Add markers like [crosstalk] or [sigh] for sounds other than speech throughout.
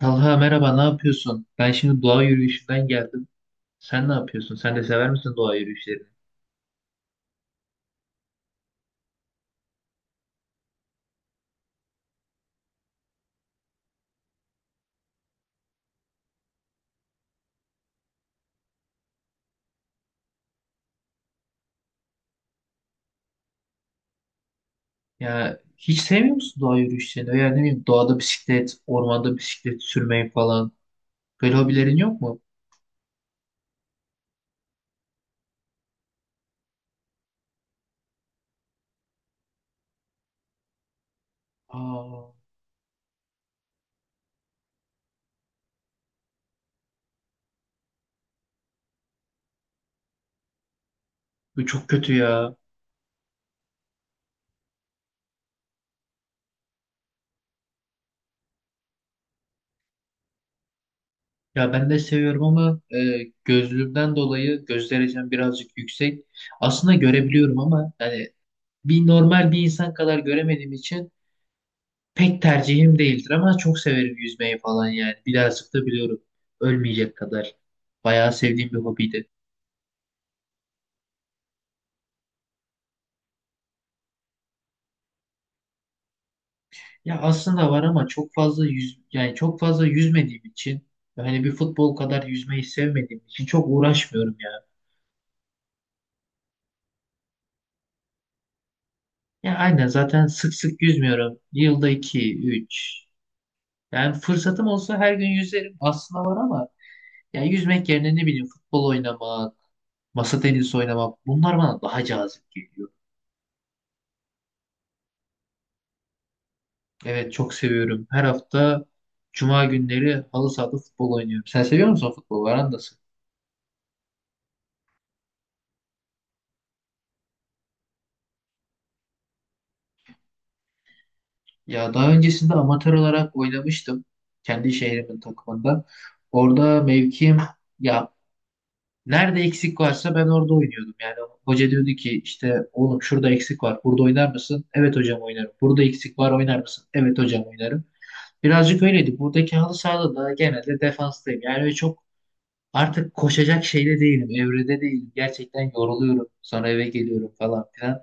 Talha merhaba, ne yapıyorsun? Ben şimdi doğa yürüyüşünden geldim. Sen ne yapıyorsun? Sen de sever misin doğa yürüyüşlerini? Ya hiç sevmiyor musun doğa yürüyüşlerini? Veya ne bileyim doğada bisiklet, ormanda bisiklet sürmeyi falan. Böyle hobilerin yok mu? Aa, bu çok kötü ya. Ya ben de seviyorum ama gözlüğümden dolayı göz derecem birazcık yüksek. Aslında görebiliyorum ama yani bir normal bir insan kadar göremediğim için pek tercihim değildir ama çok severim yüzmeyi falan yani. Birazcık da biliyorum. Ölmeyecek kadar. Bayağı sevdiğim bir hobiydi. Ya aslında var ama çok fazla yüz yani çok fazla yüzmediğim için hani bir futbol kadar yüzmeyi sevmediğim için çok uğraşmıyorum ya. Ya aynen zaten sık sık yüzmüyorum. Yılda iki, üç. Yani fırsatım olsa her gün yüzerim aslında var ama ya yüzmek yerine ne bileyim futbol oynamak, masa tenisi oynamak bunlar bana daha cazip geliyor. Evet çok seviyorum. Her hafta cuma günleri halı sahada futbol oynuyorum. Sen seviyor musun futbol? Var andasın. Ya daha öncesinde amatör olarak oynamıştım. Kendi şehrimin takımında. Orada mevkim, ya, nerede eksik varsa ben orada oynuyordum. Yani hoca diyordu ki, işte oğlum şurada eksik var. Burada oynar mısın? Evet hocam oynarım. Burada eksik var, oynar mısın? Evet hocam oynarım. Birazcık öyleydi. Buradaki halı sahada da genelde defanstayım. Yani öyle çok artık koşacak şeyde değilim, evrede değilim. Gerçekten yoruluyorum. Sonra eve geliyorum falan filan.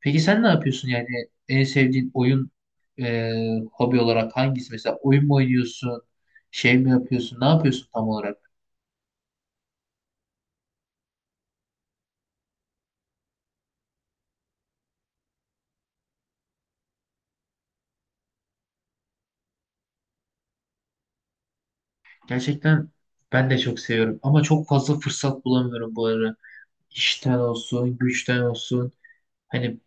Peki sen ne yapıyorsun, yani en sevdiğin oyun e, hobi olarak hangisi? Mesela oyun mu oynuyorsun? Şey mi yapıyorsun? Ne yapıyorsun tam olarak? Gerçekten ben de çok seviyorum ama çok fazla fırsat bulamıyorum bu ara. İşten olsun, güçten olsun. Hani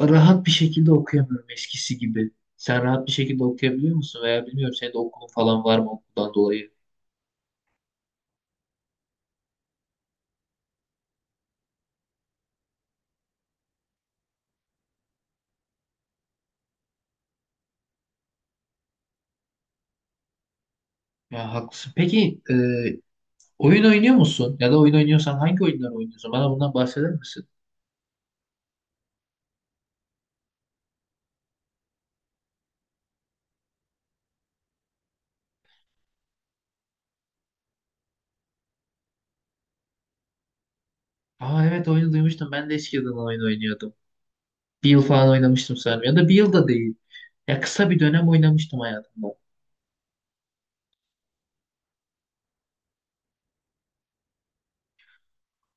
rahat bir şekilde okuyamıyorum eskisi gibi. Sen rahat bir şekilde okuyabiliyor musun? Veya bilmiyorum, senin de okulun falan var mı, okuldan dolayı? Ya haklısın. Peki oyun oynuyor musun? Ya da oyun oynuyorsan hangi oyunlar oynuyorsun? Bana bundan bahseder misin? Aa evet, oyunu duymuştum. Ben de eskiden oyun oynuyordum. Bir yıl falan oynamıştım sanırım. Ya da bir yıl da değil. Ya kısa bir dönem oynamıştım hayatımda.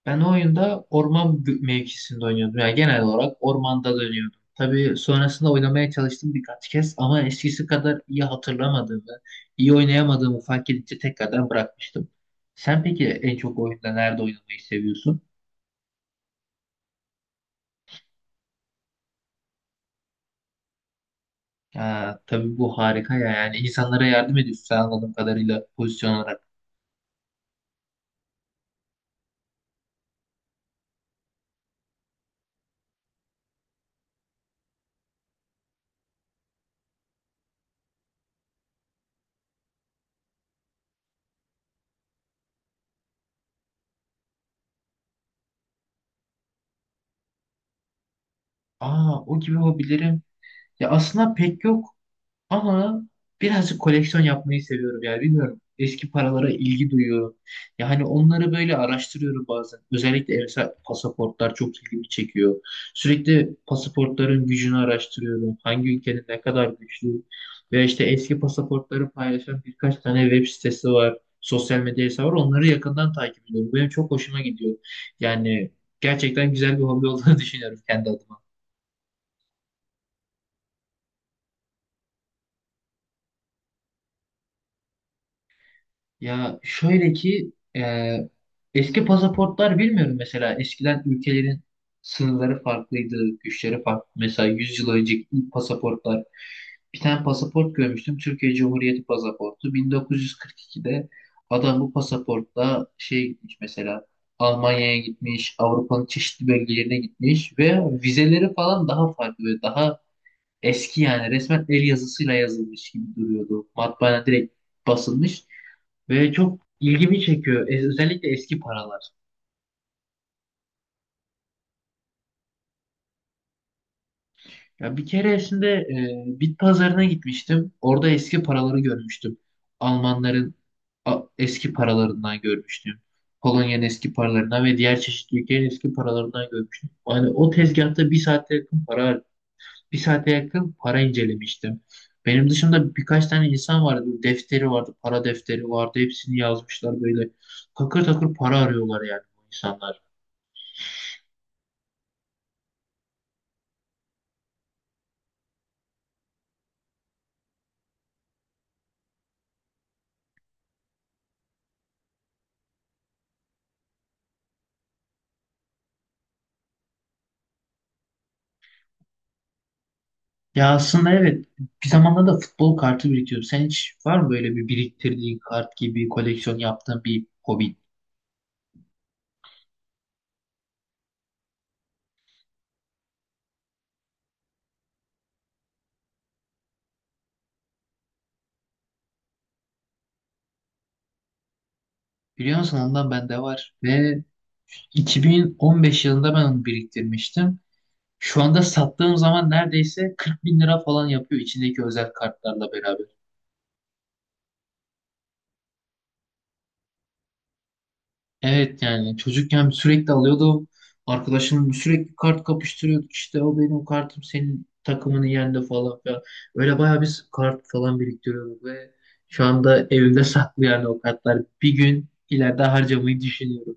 Ben o oyunda orman mevkisinde oynuyordum. Yani genel olarak ormanda dönüyordum. Tabii sonrasında oynamaya çalıştım birkaç kez ama eskisi kadar iyi hatırlamadığımı, iyi oynayamadığımı fark edince tekrardan bırakmıştım. Sen peki en çok oyunda nerede oynamayı seviyorsun? Ya, tabii bu harika ya. Yani insanlara yardım ediyorsun sen anladığım kadarıyla pozisyon olarak. Aa, o gibi hobilerim. Ya aslında pek yok. Ama birazcık koleksiyon yapmayı seviyorum yani bilmiyorum. Eski paralara ilgi duyuyorum. Yani onları böyle araştırıyorum bazen. Özellikle mesela pasaportlar çok ilgimi çekiyor. Sürekli pasaportların gücünü araştırıyorum. Hangi ülkenin ne kadar güçlü. Ve işte eski pasaportları paylaşan birkaç tane web sitesi var. Sosyal medya hesabı var. Onları yakından takip ediyorum. Benim çok hoşuma gidiyor. Yani gerçekten güzel bir hobi olduğunu [laughs] düşünüyorum kendi adıma. Ya şöyle ki, e, eski pasaportlar, bilmiyorum, mesela eskiden ülkelerin sınırları farklıydı, güçleri farklı. Mesela 100 yıl önceki ilk pasaportlar, bir tane pasaport görmüştüm. Türkiye Cumhuriyeti pasaportu. 1942'de adam bu pasaportla şey, gitmiş mesela Almanya'ya, gitmiş Avrupa'nın çeşitli bölgelerine, gitmiş ve vizeleri falan daha farklı ve daha eski, yani resmen el yazısıyla yazılmış gibi duruyordu. Matbaana direkt basılmış ve çok ilgimi çekiyor. Özellikle eski paralar. Ya bir keresinde bit pazarına gitmiştim. Orada eski paraları görmüştüm. Almanların eski paralarından görmüştüm. Polonya'nın eski paralarından ve diğer çeşitli ülkelerin eski paralarından görmüştüm. Yani o tezgahta bir saate yakın para harcadım, bir saate yakın para incelemiştim. Benim dışımda birkaç tane insan vardı. Böyle defteri vardı, para defteri vardı. Hepsini yazmışlar böyle. Takır takır para arıyorlar yani bu insanlar. Ya aslında evet, bir zamanlar da futbol kartı biriktiriyorum. Sen hiç var mı böyle bir biriktirdiğin kart gibi koleksiyon yaptığın bir hobi? Biliyor musun, ondan bende var ve 2015 yılında ben onu biriktirmiştim. Şu anda sattığım zaman neredeyse 40 bin lira falan yapıyor içindeki özel kartlarla beraber. Evet yani çocukken sürekli alıyordum. Arkadaşım sürekli kart kapıştırıyorduk. İşte o benim kartım senin takımını yendi falan filan. Öyle bayağı biz kart falan biriktiriyorduk ve şu anda evimde [laughs] saklı yani o kartlar. Bir gün ileride harcamayı düşünüyorum.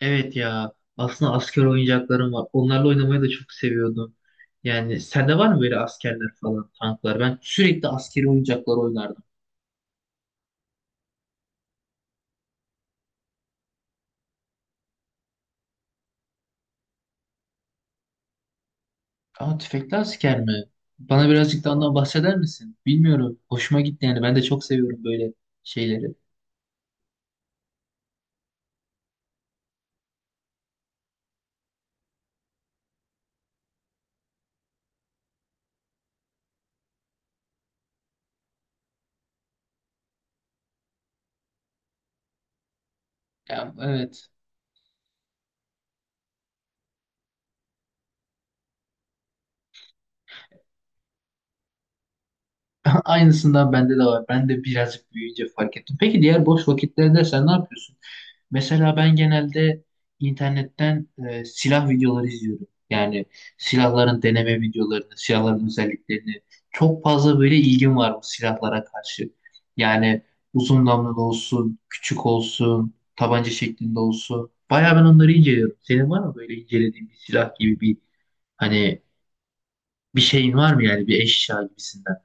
Evet ya, aslında asker oyuncaklarım var. Onlarla oynamayı da çok seviyordum. Yani sende var mı böyle askerler falan, tanklar? Ben sürekli askeri oyuncaklar oynardım. Aa, tüfekli asker mi? Bana birazcık da ondan bahseder misin? Bilmiyorum, hoşuma gitti yani. Ben de çok seviyorum böyle şeyleri. Ya, evet. [laughs] Aynısından bende de var. Ben de birazcık büyüyünce fark ettim. Peki diğer boş vakitlerde sen ne yapıyorsun? Mesela ben genelde internetten silah videoları izliyorum. Yani silahların deneme videolarını, silahların özelliklerini. Çok fazla böyle ilgim var bu silahlara karşı. Yani uzun namlulu olsun, küçük olsun, tabanca şeklinde olsun. Bayağı ben onları inceliyorum. Senin var mı böyle incelediğin bir silah gibi bir, hani bir şeyin var mı yani, bir eşya gibisinden?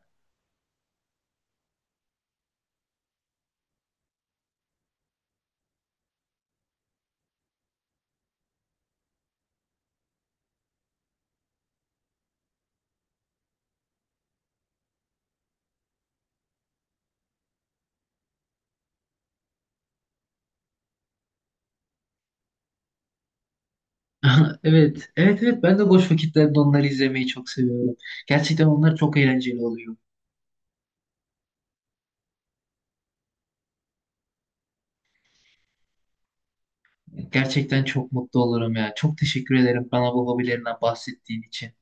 [laughs] Evet, evet, evet. Ben de boş vakitlerde onları izlemeyi çok seviyorum. Gerçekten onlar çok eğlenceli oluyor. Gerçekten çok mutlu olurum ya. Çok teşekkür ederim bana bu hobilerinden bahsettiğin için.